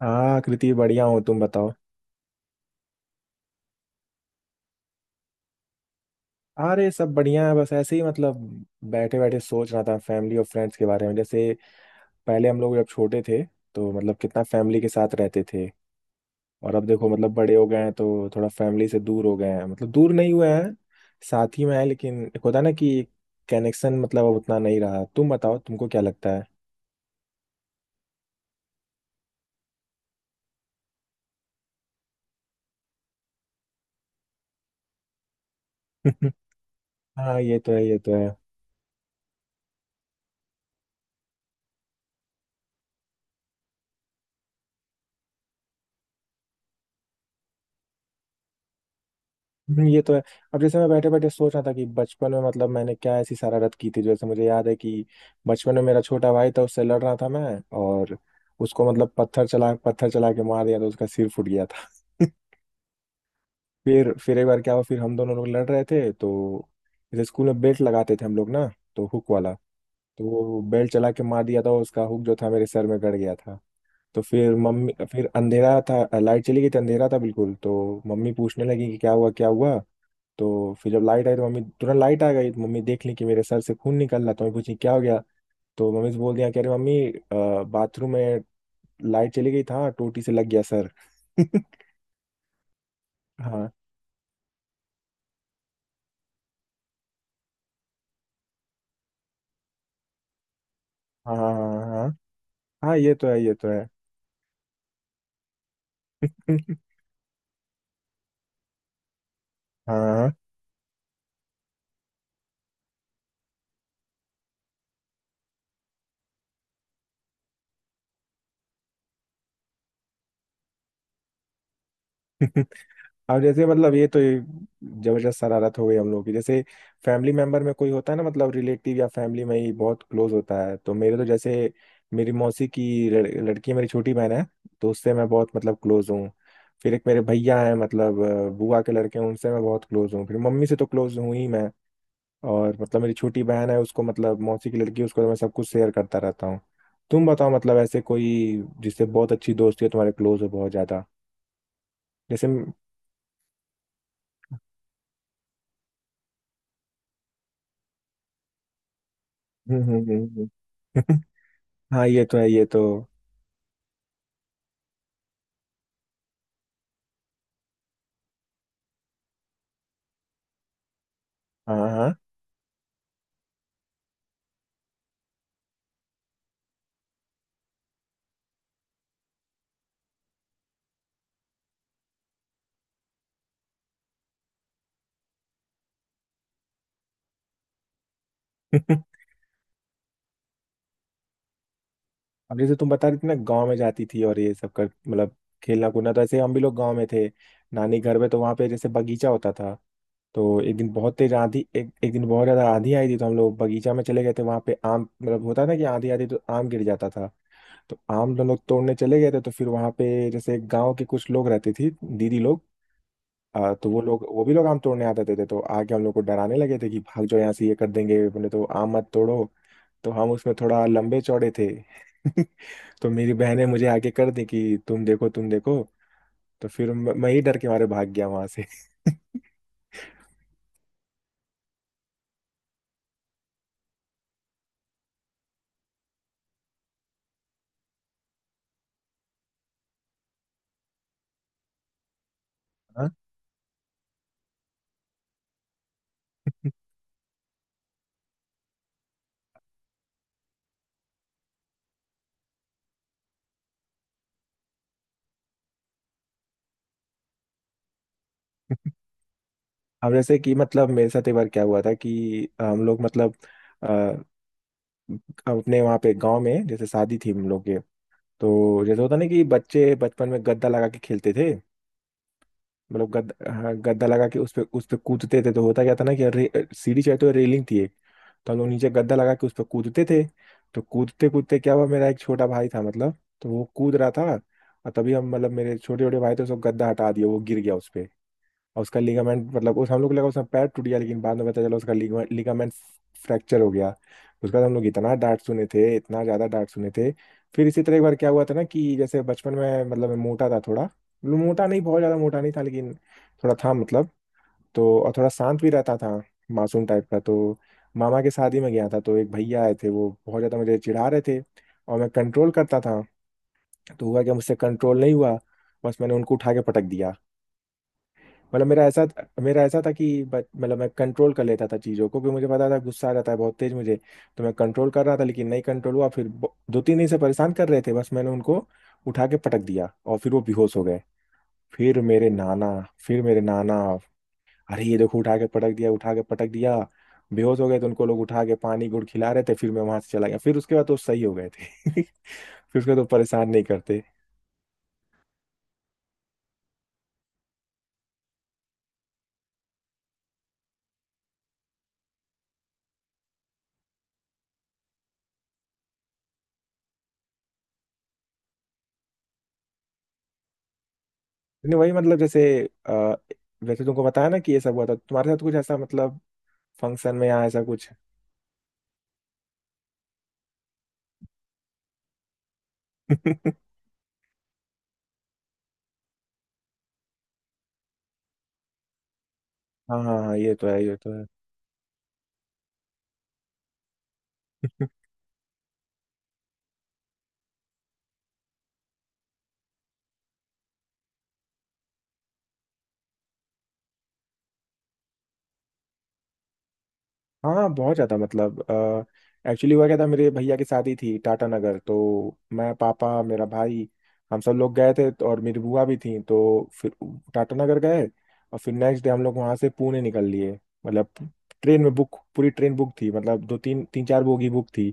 हाँ कृति, बढ़िया हो? तुम बताओ। अरे सब बढ़िया है, बस ऐसे ही मतलब बैठे बैठे सोच रहा था फैमिली और फ्रेंड्स के बारे में। जैसे पहले हम लोग जब छोटे थे तो मतलब कितना फैमिली के साथ रहते थे, और अब देखो मतलब बड़े हो गए हैं तो थोड़ा फैमिली से दूर हो गए हैं। मतलब दूर नहीं हुए हैं, साथ ही में है, लेकिन एक होता है ना कि कनेक्शन मतलब अब उतना नहीं रहा। तुम बताओ तुमको क्या लगता है? हाँ ये तो है, ये तो है। ये तो है। अब जैसे मैं बैठे बैठे सोच रहा था कि बचपन में मतलब मैंने क्या ऐसी शरारत की थी। जैसे मुझे याद है कि बचपन में मेरा छोटा भाई था, उससे लड़ रहा था मैं, और उसको मतलब पत्थर चला के मार दिया तो उसका सिर फूट गया था। फिर एक बार क्या हुआ, फिर हम दोनों लोग लड़ रहे थे तो जैसे स्कूल में बेल्ट लगाते थे हम लोग ना, तो हुक वाला, तो वो बेल्ट चला के मार दिया था, उसका हुक जो था मेरे सर में गड़ गया था। तो फिर मम्मी, फिर अंधेरा था, लाइट चली गई थी, अंधेरा था बिल्कुल। तो मम्मी पूछने लगी कि क्या हुआ क्या हुआ। तो फिर जब लाइट आई तो मम्मी तुरंत लाइट आ गई तो मम्मी देख ली कि मेरे सर से खून निकल रहा, तो मम्मी पूछी क्या हो गया। तो मम्मी से बोल दिया कि अरे मम्मी, बाथरूम में लाइट चली गई था, टोटी से लग गया सर। हाँ हाँ हाँ हाँ। हाँ, ये तो है, ये तो है। हाँ हाँ। अब जैसे मतलब ये तो ये जबरदस्त शरारत हो गई हम लोग की। जैसे फैमिली मेंबर में कोई होता है ना, मतलब रिलेटिव या फैमिली में ही बहुत क्लोज होता है, तो मेरे तो जैसे मेरी मौसी की लड़की है, मेरी छोटी बहन है, तो उससे मैं बहुत मतलब क्लोज हूँ। फिर एक मेरे भैया हैं मतलब बुआ के लड़के हैं, उनसे मैं बहुत क्लोज हूँ। फिर मम्मी से तो क्लोज हूँ ही मैं। और मतलब मेरी छोटी बहन है, उसको मतलब मौसी की लड़की है, उसको तो मैं सब कुछ शेयर करता रहता हूँ। तुम बताओ मतलब ऐसे कोई जिससे बहुत अच्छी दोस्ती है तुम्हारे, क्लोज हो बहुत ज्यादा? जैसे हम्म हम्म, हाँ ये तो है, ये तो। हाँ हाँ। अब जैसे तुम बता रही थी ना गांव में जाती थी और ये सब कर, मतलब खेलना कूदना, तो ऐसे हम भी लोग गांव में थे, नानी घर में। तो वहाँ पे जैसे बगीचा होता था, तो एक दिन बहुत तेज आंधी, एक दिन बहुत ज्यादा आंधी आई थी तो हम लोग बगीचा में चले गए थे। वहाँ पे आम, मतलब होता है ना कि आंधी आती तो आम गिर जाता था, तो आम हम लोग तोड़ने चले गए थे। तो फिर वहाँ पे जैसे गाँव के कुछ लोग रहते थे, दीदी लोग, तो वो लोग वो भी लोग आम तोड़ने आते थे, तो आके हम लोग को डराने लगे थे कि भाग जाओ यहाँ से, ये कर देंगे, बोले तो आम मत तोड़ो। तो हम उसमें थोड़ा लंबे चौड़े थे। तो मेरी बहन ने मुझे आगे कर दी कि तुम देखो तुम देखो। तो फिर मैं ही डर के मारे भाग गया वहां से। हाँ? अब जैसे कि मतलब मेरे साथ एक बार क्या हुआ था कि हम लोग मतलब अ, अपने वहाँ पे गांव में जैसे शादी थी हम लोग के, तो जैसे होता ना कि बच्चे बचपन में गद्दा लगा के खेलते थे। मतलब गद्दा, हाँ, गद्दा लगा के उस पे कूदते थे। तो होता क्या था ना कि सीढ़ी चाहे तो रेलिंग थी एक, तो हम लोग नीचे गद्दा लगा के उस पे कूदते थे। तो कूदते कूदते क्या हुआ, मेरा एक छोटा भाई था मतलब, तो वो कूद रहा था, और तभी हम मतलब मेरे छोटे छोटे भाई थे, उसको गद्दा हटा दिया, वो गिर गया उस पे, और उसका लिगामेंट मतलब, उस हम लोग को लगा उसका पैर टूट गया, लेकिन बाद में पता चला उसका लिगामेंट फ्रैक्चर हो गया। उसके बाद हम लोग इतना डांट सुने थे, इतना ज्यादा डांट सुने थे। फिर इसी तरह एक बार क्या हुआ था ना कि जैसे बचपन में मतलब मैं मोटा था थोड़ा, मतलब मोटा नहीं बहुत ज्यादा मोटा नहीं था लेकिन थोड़ा था मतलब, तो और थोड़ा शांत भी रहता था, मासूम टाइप का। तो मामा के शादी में गया था, तो एक भैया आए थे, वो बहुत ज्यादा मुझे चिढ़ा रहे थे और मैं कंट्रोल करता था। तो हुआ क्या, मुझसे कंट्रोल नहीं हुआ, बस मैंने उनको उठा के पटक दिया। मतलब मेरा ऐसा मेरा ऐसा था कि मतलब मैं कंट्रोल कर लेता था चीज़ों को, क्योंकि मुझे पता था गुस्सा आ जाता है बहुत तेज मुझे। तो मैं कंट्रोल कर रहा था लेकिन नहीं कंट्रोल हुआ, फिर दो तीन दिन से परेशान कर रहे थे, बस मैंने उनको उठा के पटक दिया और फिर वो बेहोश हो गए। फिर मेरे नाना फिर मेरे नाना, अरे ये देखो उठा के पटक दिया बेहोश हो गए, तो उनको लोग उठा के पानी गुड़ खिला रहे थे, फिर मैं वहां से चला गया, फिर उसके बाद तो सही हो गए थे। फिर उसके बाद तो परेशान नहीं करते। लेकिन वही मतलब जैसे, अ, वैसे तुमको बताया ना कि ये सब हुआ था, तुम्हारे साथ कुछ ऐसा मतलब फंक्शन में यहाँ ऐसा कुछ है? हाँ हाँ हाँ, ये तो है, ये तो है। हाँ बहुत ज़्यादा मतलब, एक्चुअली हुआ क्या था मेरे भैया की शादी थी टाटा नगर, तो मैं पापा मेरा भाई, हम सब लोग गए थे तो, और मेरी बुआ भी थी, तो फिर टाटा नगर गए, और फिर नेक्स्ट डे हम लोग वहाँ से पुणे निकल लिए। मतलब ट्रेन में बुक, पूरी ट्रेन बुक थी मतलब, दो तीन तीन चार बोगी बुक थी।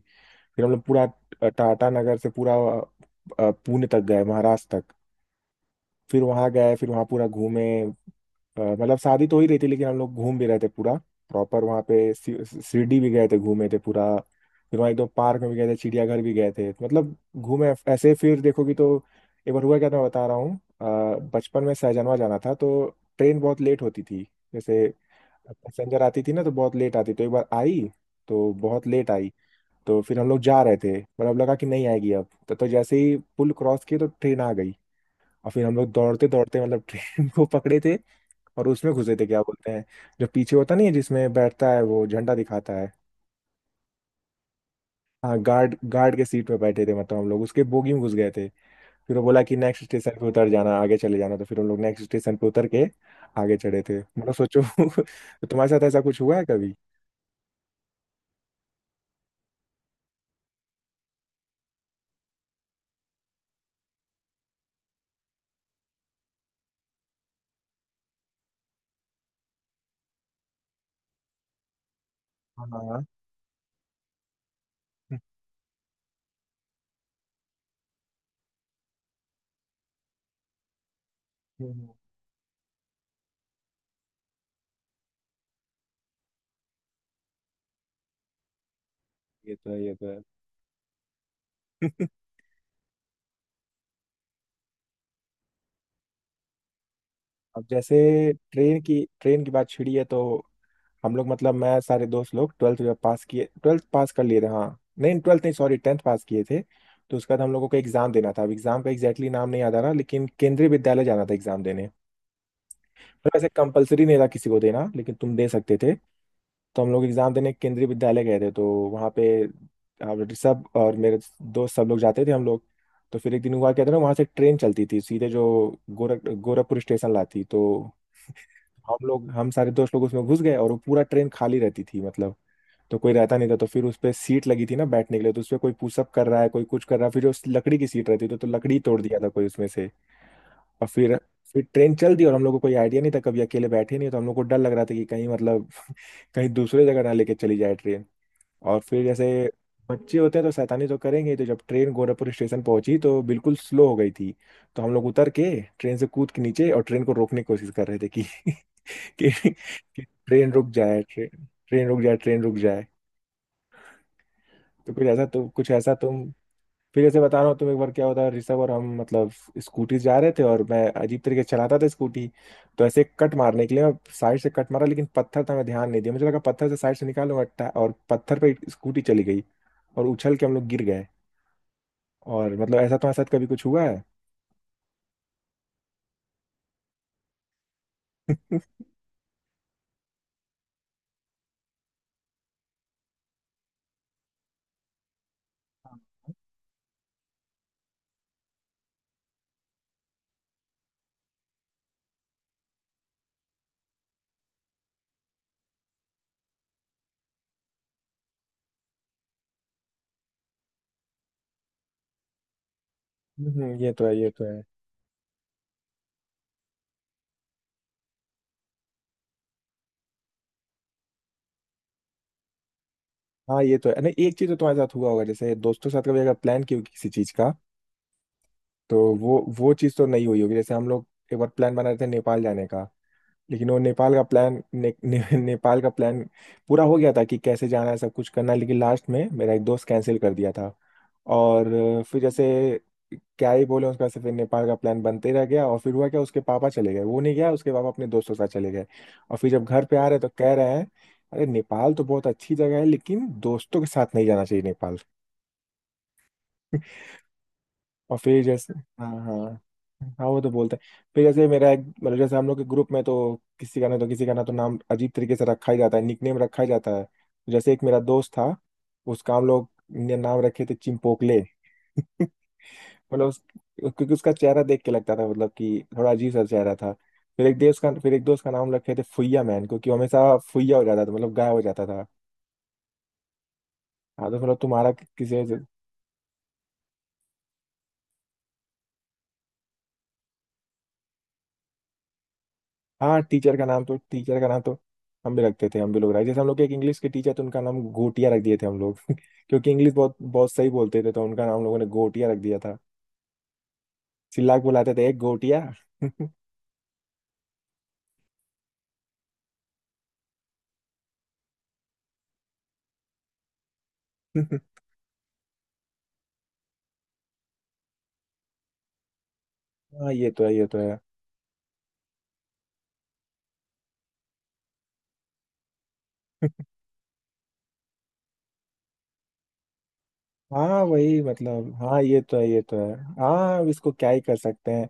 फिर हम लोग पूरा टाटा नगर से पूरा पुणे तक गए, महाराष्ट्र तक। फिर वहाँ गए, फिर वहाँ पूरा घूमे, मतलब शादी तो हो ही रही थी, लेकिन हम लोग घूम भी रहे थे पूरा प्रॉपर। वहाँ पे शिरडी भी गए थे, घूमे थे पूरा। फिर वहाँ एकदम पार्क में भी गए थे, चिड़ियाघर भी गए थे, मतलब घूमे ऐसे, फिर देखोगी तो। एक बार हुआ क्या था, मैं बता रहा हूँ बचपन में सहजनवा जाना था, तो ट्रेन बहुत लेट होती थी, जैसे पैसेंजर आती थी ना, तो बहुत लेट आती, तो एक बार आई तो बहुत लेट आई। तो फिर हम लोग जा रहे थे, मतलब लगा कि नहीं आएगी अब तो जैसे ही पुल क्रॉस किए तो ट्रेन आ गई, और फिर हम लोग दौड़ते दौड़ते मतलब ट्रेन को पकड़े थे, और उसमें घुसे थे। क्या बोलते हैं जो पीछे होता नहीं है, जिसमें बैठता है वो झंडा दिखाता है, हाँ गार्ड, गार्ड के सीट में बैठे थे, मतलब हम लोग उसके बोगी में घुस गए थे। फिर वो बोला कि नेक्स्ट स्टेशन पे उतर जाना, आगे चले जाना, तो फिर हम लोग नेक्स्ट स्टेशन पे उतर के आगे चढ़े थे, मतलब सोचो। तो तुम्हारे साथ ऐसा कुछ हुआ है कभी? हाँ। हाँ। ये तो है, ये तो है। अब जैसे ट्रेन की बात छिड़ी है तो, हम लोग मतलब मैं सारे दोस्त लोग ट्वेल्थ पास किए, ट्वेल्थ पास कर लिए थे, हाँ नहीं ट्वेल्थ नहीं, सॉरी टेंथ पास किए थे। तो उसके बाद हम लोगों को एग्जाम देना था, अब एग्जाम का एग्जैक्टली नाम नहीं याद आ रहा, लेकिन केंद्रीय विद्यालय जाना था एग्जाम देने। तो वैसे कंपलसरी नहीं था किसी को देना, लेकिन तुम दे सकते थे। तो हम लोग एग्जाम देने केंद्रीय विद्यालय गए थे, तो वहाँ पे हम ऋषभ और मेरे दोस्त सब लोग जाते थे हम लोग। तो फिर एक दिन हुआ क्या था ना, वहाँ से ट्रेन चलती थी सीधे जो गोरखपुर स्टेशन लाती, तो हम लोग हम सारे दोस्त लोग उसमें घुस गए, और वो पूरा ट्रेन खाली रहती थी मतलब, तो कोई रहता नहीं था। तो फिर उस पे सीट लगी थी ना बैठने के लिए, तो उस पे कोई पुशअप कर रहा है, कोई कुछ कर रहा है, फिर जो उस लकड़ी की सीट रहती थी तो लकड़ी तोड़ दिया था कोई उसमें से। और फिर फिर ट्रेन चल दी, और हम लोग को कोई आइडिया नहीं था, कभी अकेले बैठे नहीं, तो हम लोग को डर लग रहा था कि कहीं मतलब कहीं दूसरे जगह ना लेके चली जाए ट्रेन। और फिर जैसे बच्चे होते हैं तो शैतानी तो करेंगे ही, तो जब ट्रेन गोरखपुर स्टेशन पहुंची तो बिल्कुल स्लो हो गई थी, तो हम लोग उतर के ट्रेन से कूद के नीचे, और ट्रेन को रोकने की कोशिश कर रहे थे कि कि, कि ट्रेन रुक जाए, ट्रेन ट्रेन रुक जाए, ट्रेन रुक जाए। तो कुछ ऐसा तुम फिर ऐसे बता रहा हूँ तुम, एक बार क्या होता है ऋषभ और हम मतलब स्कूटी जा रहे थे, और मैं अजीब तरीके से चलाता था स्कूटी, तो ऐसे कट मारने के लिए मैं साइड से कट मारा, लेकिन पत्थर था, मैं ध्यान नहीं दिया, मुझे लगा पत्थर से साइड से निकालूंगा और पत्थर पे स्कूटी चली गई, और उछल के हम लोग गिर गए। और मतलब ऐसा तुम्हारे साथ कभी कुछ हुआ है? ये तो है, ये तो है। हाँ ये तो है। नहीं एक चीज तो तुम्हारे साथ हुआ होगा, जैसे दोस्तों के साथ कभी अगर प्लान किया हो किसी चीज का तो वो चीज तो नहीं हुई होगी। जैसे हम लोग एक बार प्लान बना रहे थे नेपाल जाने का, लेकिन वो नेपाल का प्लान नेपाल का प्लान पूरा हो गया था, कि कैसे जाना है, सब कुछ करना है, लेकिन लास्ट में मेरा एक दोस्त कैंसिल कर दिया था। और फिर जैसे क्या ही बोले उसका से, फिर नेपाल का प्लान बनते रह गया, और फिर हुआ क्या उसके पापा चले गए, वो नहीं गया, उसके पापा अपने दोस्तों के साथ चले गए। और फिर जब घर पे आ रहे तो कह रहे हैं अरे नेपाल तो बहुत अच्छी जगह है, लेकिन दोस्तों के साथ नहीं जाना चाहिए नेपाल। और फिर जैसे हाँ हाँ, हाँ वो तो बोलते हैं। फिर जैसे मेरा एक मतलब जैसे हम लोग के ग्रुप में तो किसी का ना, तो किसी का ना तो नाम अजीब तरीके से रखा ही जाता है, निकनेम रखा ही जाता है। तो जैसे एक मेरा दोस्त था, उसका हम लोग ने नाम रखे थे चिंपोकले। मतलब उस, क्योंकि उसका चेहरा देख के लगता था मतलब कि थोड़ा अजीब सा चेहरा था। फिर एक दोस्त का नाम रखे थे फुइया मैन, क्योंकि वो हमेशा फुइया हो जाता था, मतलब गायब हो जाता था। हाँ तो मतलब तुम्हारा किसी, हाँ टीचर का नाम तो हम भी रखते थे, हम भी लोग रखे। जैसे हम लोग के एक इंग्लिश के टीचर थे, उनका नाम गोटिया रख दिए थे हम लोग, क्योंकि इंग्लिश बहुत बहुत सही बोलते थे, तो उनका नाम हम लोगों ने गोटिया रख दिया था। चिल्ला के बुलाते थे, एक गोटिया। हाँ ये तो है, ये तो है। हाँ वही मतलब हाँ ये तो है, ये तो है। हाँ अब इसको क्या ही कर सकते हैं।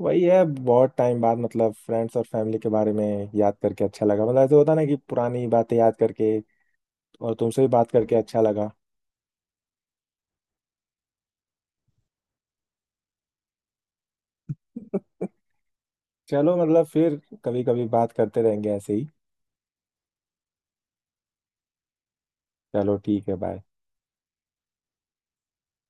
वही है, बहुत टाइम बाद मतलब फ्रेंड्स और फैमिली के बारे में याद करके अच्छा लगा। मतलब ऐसे होता है ना कि पुरानी बातें याद करके, और तुमसे भी बात करके अच्छा लगा। चलो मतलब फिर कभी कभी बात करते रहेंगे ऐसे ही। चलो ठीक है, बाय।